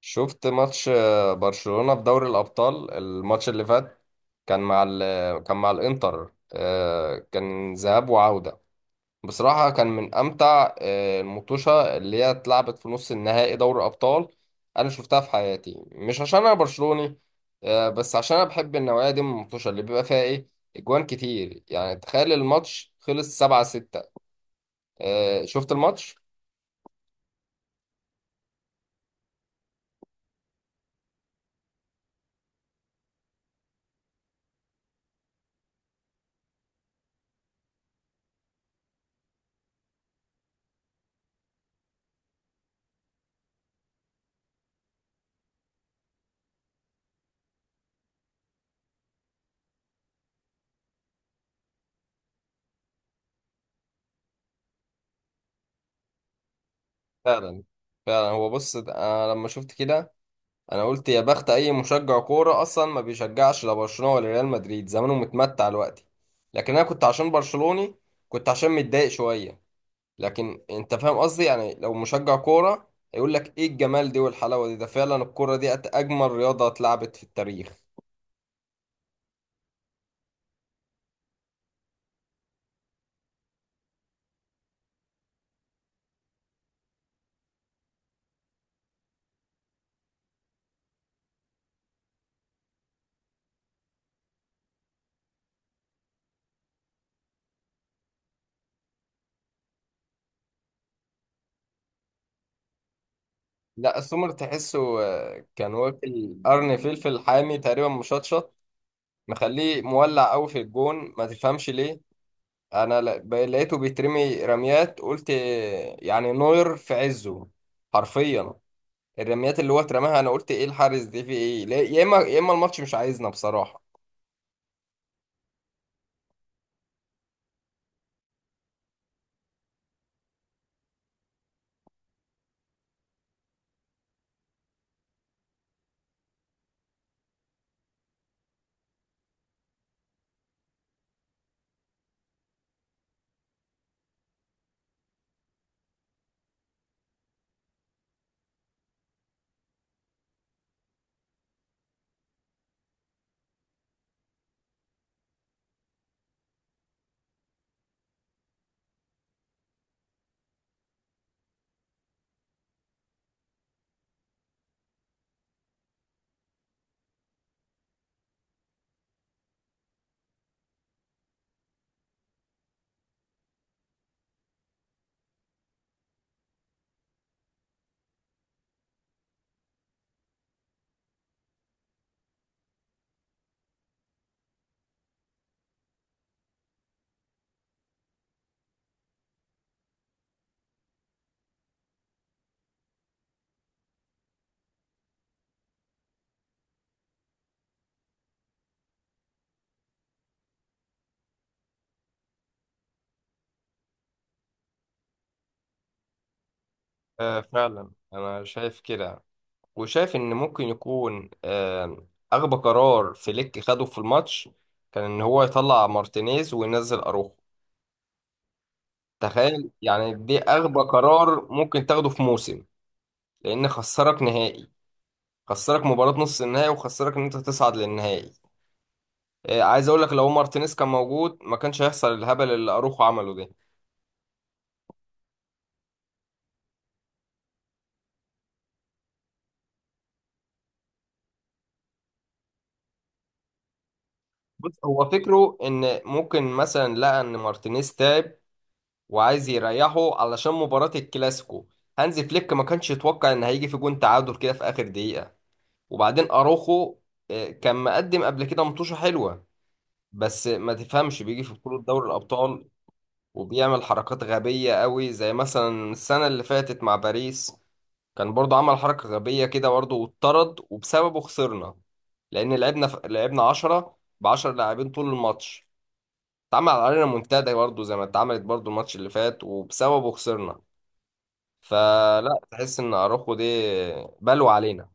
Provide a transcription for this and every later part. شفت ماتش برشلونة في دوري الأبطال. الماتش اللي فات كان مع ال كان مع الإنتر، كان ذهاب وعودة. بصراحة كان من أمتع المطوشة اللي هي اتلعبت في نص النهائي دوري أبطال أنا شفتها في حياتي، مش عشان أنا برشلوني، بس عشان أنا بحب النوعية دي من المطوشة اللي بيبقى فيها إيه أجوان كتير. يعني تخيل الماتش خلص 7-6. شفت الماتش؟ فعلا. فعلا هو، بص، أنا لما شفت كده انا قلت يا بخت اي مشجع كوره اصلا ما بيشجعش لا برشلونه ولا ريال مدريد، زمانه متمتع دلوقتي. لكن انا كنت عشان برشلوني، كنت عشان متضايق شويه. لكن انت فاهم قصدي يعني لو مشجع كوره يقول لك ايه الجمال دي والحلاوه دي، ده فعلا الكوره دي اجمل رياضه اتلعبت في التاريخ. لا، السمر تحسه، كان واكل قرن فلفل حامي تقريبا مشطشط، مخليه مولع قوي في الجون ما تفهمش ليه. انا لقيته بيترمي رميات، قلت يعني نوير في عزه حرفيا. الرميات اللي هو اترماها انا قلت ايه الحارس دي في ايه؟ يا اما يا اما الماتش مش عايزنا بصراحة. آه فعلا، انا شايف كده. وشايف ان ممكن يكون اغبى قرار فليك خده في الماتش كان ان هو يطلع مارتينيز وينزل اروخو. تخيل يعني دي اغبى قرار ممكن تاخده في موسم. لان خسرك نهائي، خسرك مباراة نص النهائي وخسرك ان انت تصعد للنهائي. عايز اقول لك لو مارتينيز كان موجود ما كانش هيحصل الهبل اللي اروخو عمله ده. بص، هو فكره ان ممكن مثلا لقى ان مارتينيز تعب وعايز يريحه علشان مباراة الكلاسيكو. هانزي فليك ما كانش يتوقع ان هيجي في جون تعادل كده في اخر دقيقة. وبعدين اروخو، كان مقدم قبل كده مطوشة حلوة، بس ما تفهمش بيجي في بطولة دوري الابطال وبيعمل حركات غبية قوي، زي مثلا السنة اللي فاتت مع باريس كان برضو عمل حركة غبية كده برضو واتطرد وبسببه خسرنا. لأن لعبنا لعبنا 10 ب 10 لاعبين طول الماتش، اتعمل علينا منتدى برضو زي ما اتعملت برضو الماتش اللي فات وبسببه خسرنا. فلا تحس إن أروخو دي بلوى علينا.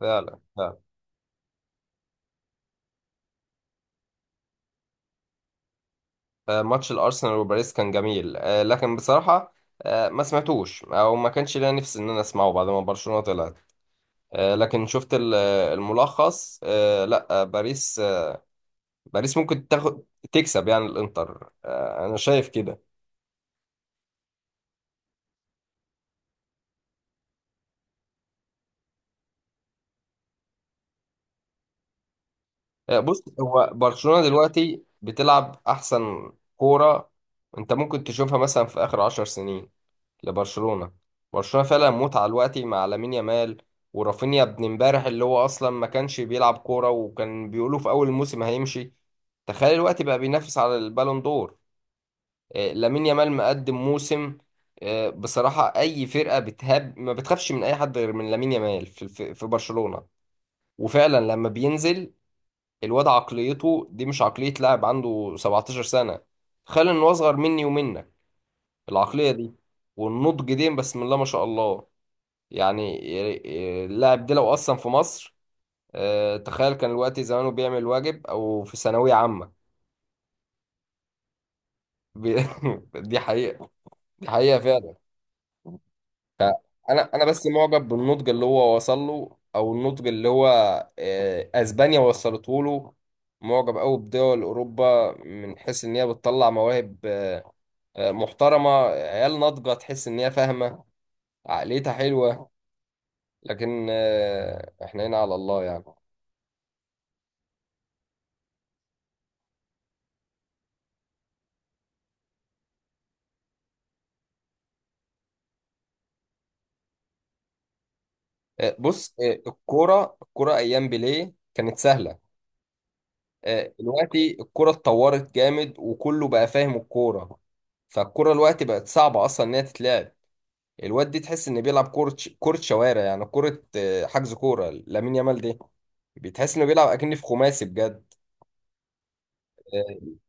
فعلا. فعلا. ماتش الأرسنال وباريس كان جميل، لكن بصراحة، ما سمعتوش أو ما كانش ليا نفس إن أنا أسمعه بعد ما برشلونة طلعت. لكن شفت الملخص. لا، باريس، باريس ممكن تاخد تكسب يعني الانتر. انا شايف كده. بص، هو برشلونة دلوقتي بتلعب احسن كورة انت ممكن تشوفها مثلا في اخر 10 سنين لبرشلونة. برشلونة فعلا متعة دلوقتي مع لامين يامال ورافينيا، ابن امبارح اللي هو اصلا ما كانش بيلعب كورة وكان بيقولوا في اول الموسم هيمشي، تخيل الوقت بقى بينافس على البالون دور. لامين يامال مقدم موسم. بصراحة أي فرقة بتهاب ما بتخافش من أي حد غير من لامين يامال في برشلونة. وفعلا لما بينزل الواد، عقليته دي مش عقلية لاعب عنده 17 سنة. تخيل إن هو أصغر مني ومنك. العقلية دي والنضج دي بسم الله ما شاء الله، يعني. اللاعب ده لو أصلا في مصر، تخيل كان الوقت زمانه بيعمل واجب أو في ثانوية عامة. بي- دي حقيقة. دي حقيقة فعلا. انا بس معجب بالنضج اللي هو وصل له، او النضج اللي هو، اسبانيا وصلته له. معجب قوي بدول اوروبا من حيث ان هي بتطلع مواهب، محترمه، عيال ناضجه تحس ان هي فاهمه. عقليتها حلوه. لكن، احنا هنا على الله يعني. بص، الكوره ايام بيليه كانت سهله. دلوقتي الكوره اتطورت جامد، وكله بقى فاهم الكوره، فالكوره دلوقتي بقت صعبه اصلا ان هي تتلعب. الواد دي تحس انه بيلعب كورة كورة شوارع، يعني كورة، حجز، كورة لامين يامال دي بتحس انه بيلعب اكني في خماسي بجد. آه،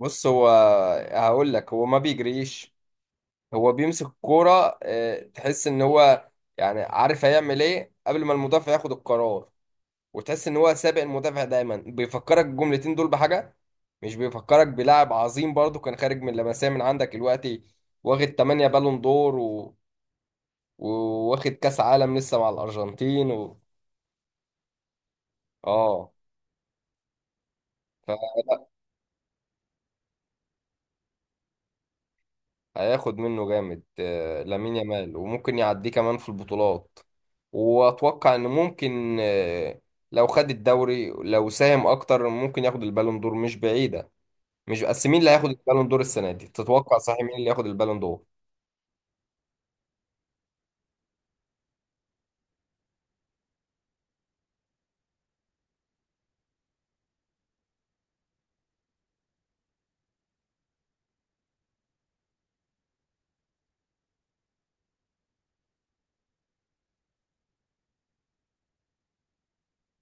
بص، هو هقول لك هو ما بيجريش. هو بيمسك الكورة، تحس ان هو يعني عارف هيعمل ايه قبل ما المدافع ياخد القرار، وتحس ان هو سابق المدافع دايما. بيفكرك الجملتين دول بحاجة، مش بيفكرك بلاعب عظيم برضو كان خارج من لمسية من عندك دلوقتي، واخد 8 بالون دور وواخد كاس عالم لسه مع الارجنتين. اه. فلا، هياخد منه جامد. لامين يامال، وممكن يعديه كمان في البطولات. واتوقع ان ممكن، لو خد الدوري، لو ساهم اكتر، ممكن ياخد البالون دور، مش بعيدة. مش بس، مين اللي هياخد البالون دور السنة دي؟ تتوقع صحيح مين اللي ياخد البالون دور؟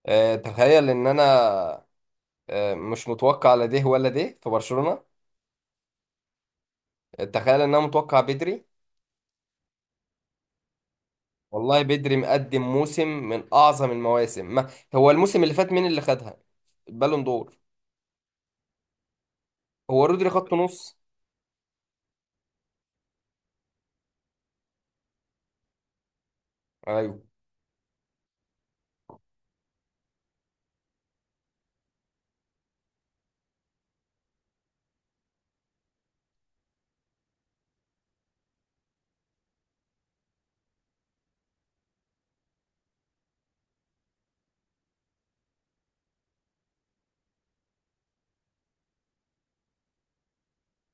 تخيل ان انا، مش متوقع لا ده ولا ده في برشلونة. تخيل ان انا متوقع بدري. والله بدري مقدم موسم من اعظم المواسم. ما هو الموسم اللي فات مين اللي خدها البالون دور؟ هو رودري، خط نص. ايوه.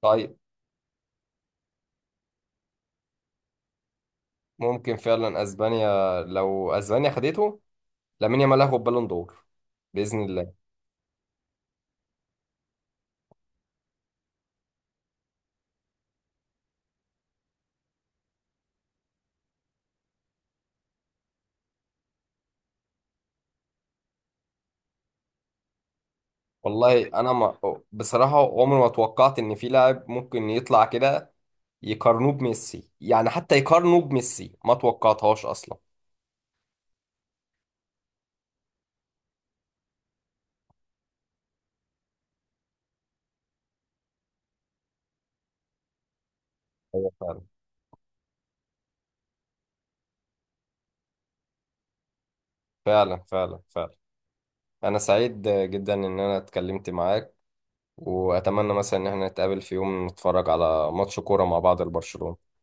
طيب، ممكن فعلا اسبانيا. لو اسبانيا خدته، لامين يامال هياخد بالون دور باذن الله. والله انا ما... بصراحه عمري ما توقعت ان في لاعب ممكن يطلع كده يقارنوه بميسي، يعني حتى يقارنوه بميسي ما توقعتهاش اصلا. ايوه فعلا. فعلا فعلا فعلا انا سعيد جدا ان انا اتكلمت معاك، واتمنى مثلا ان احنا نتقابل في يوم نتفرج على ماتش كوره مع بعض لبرشلونه.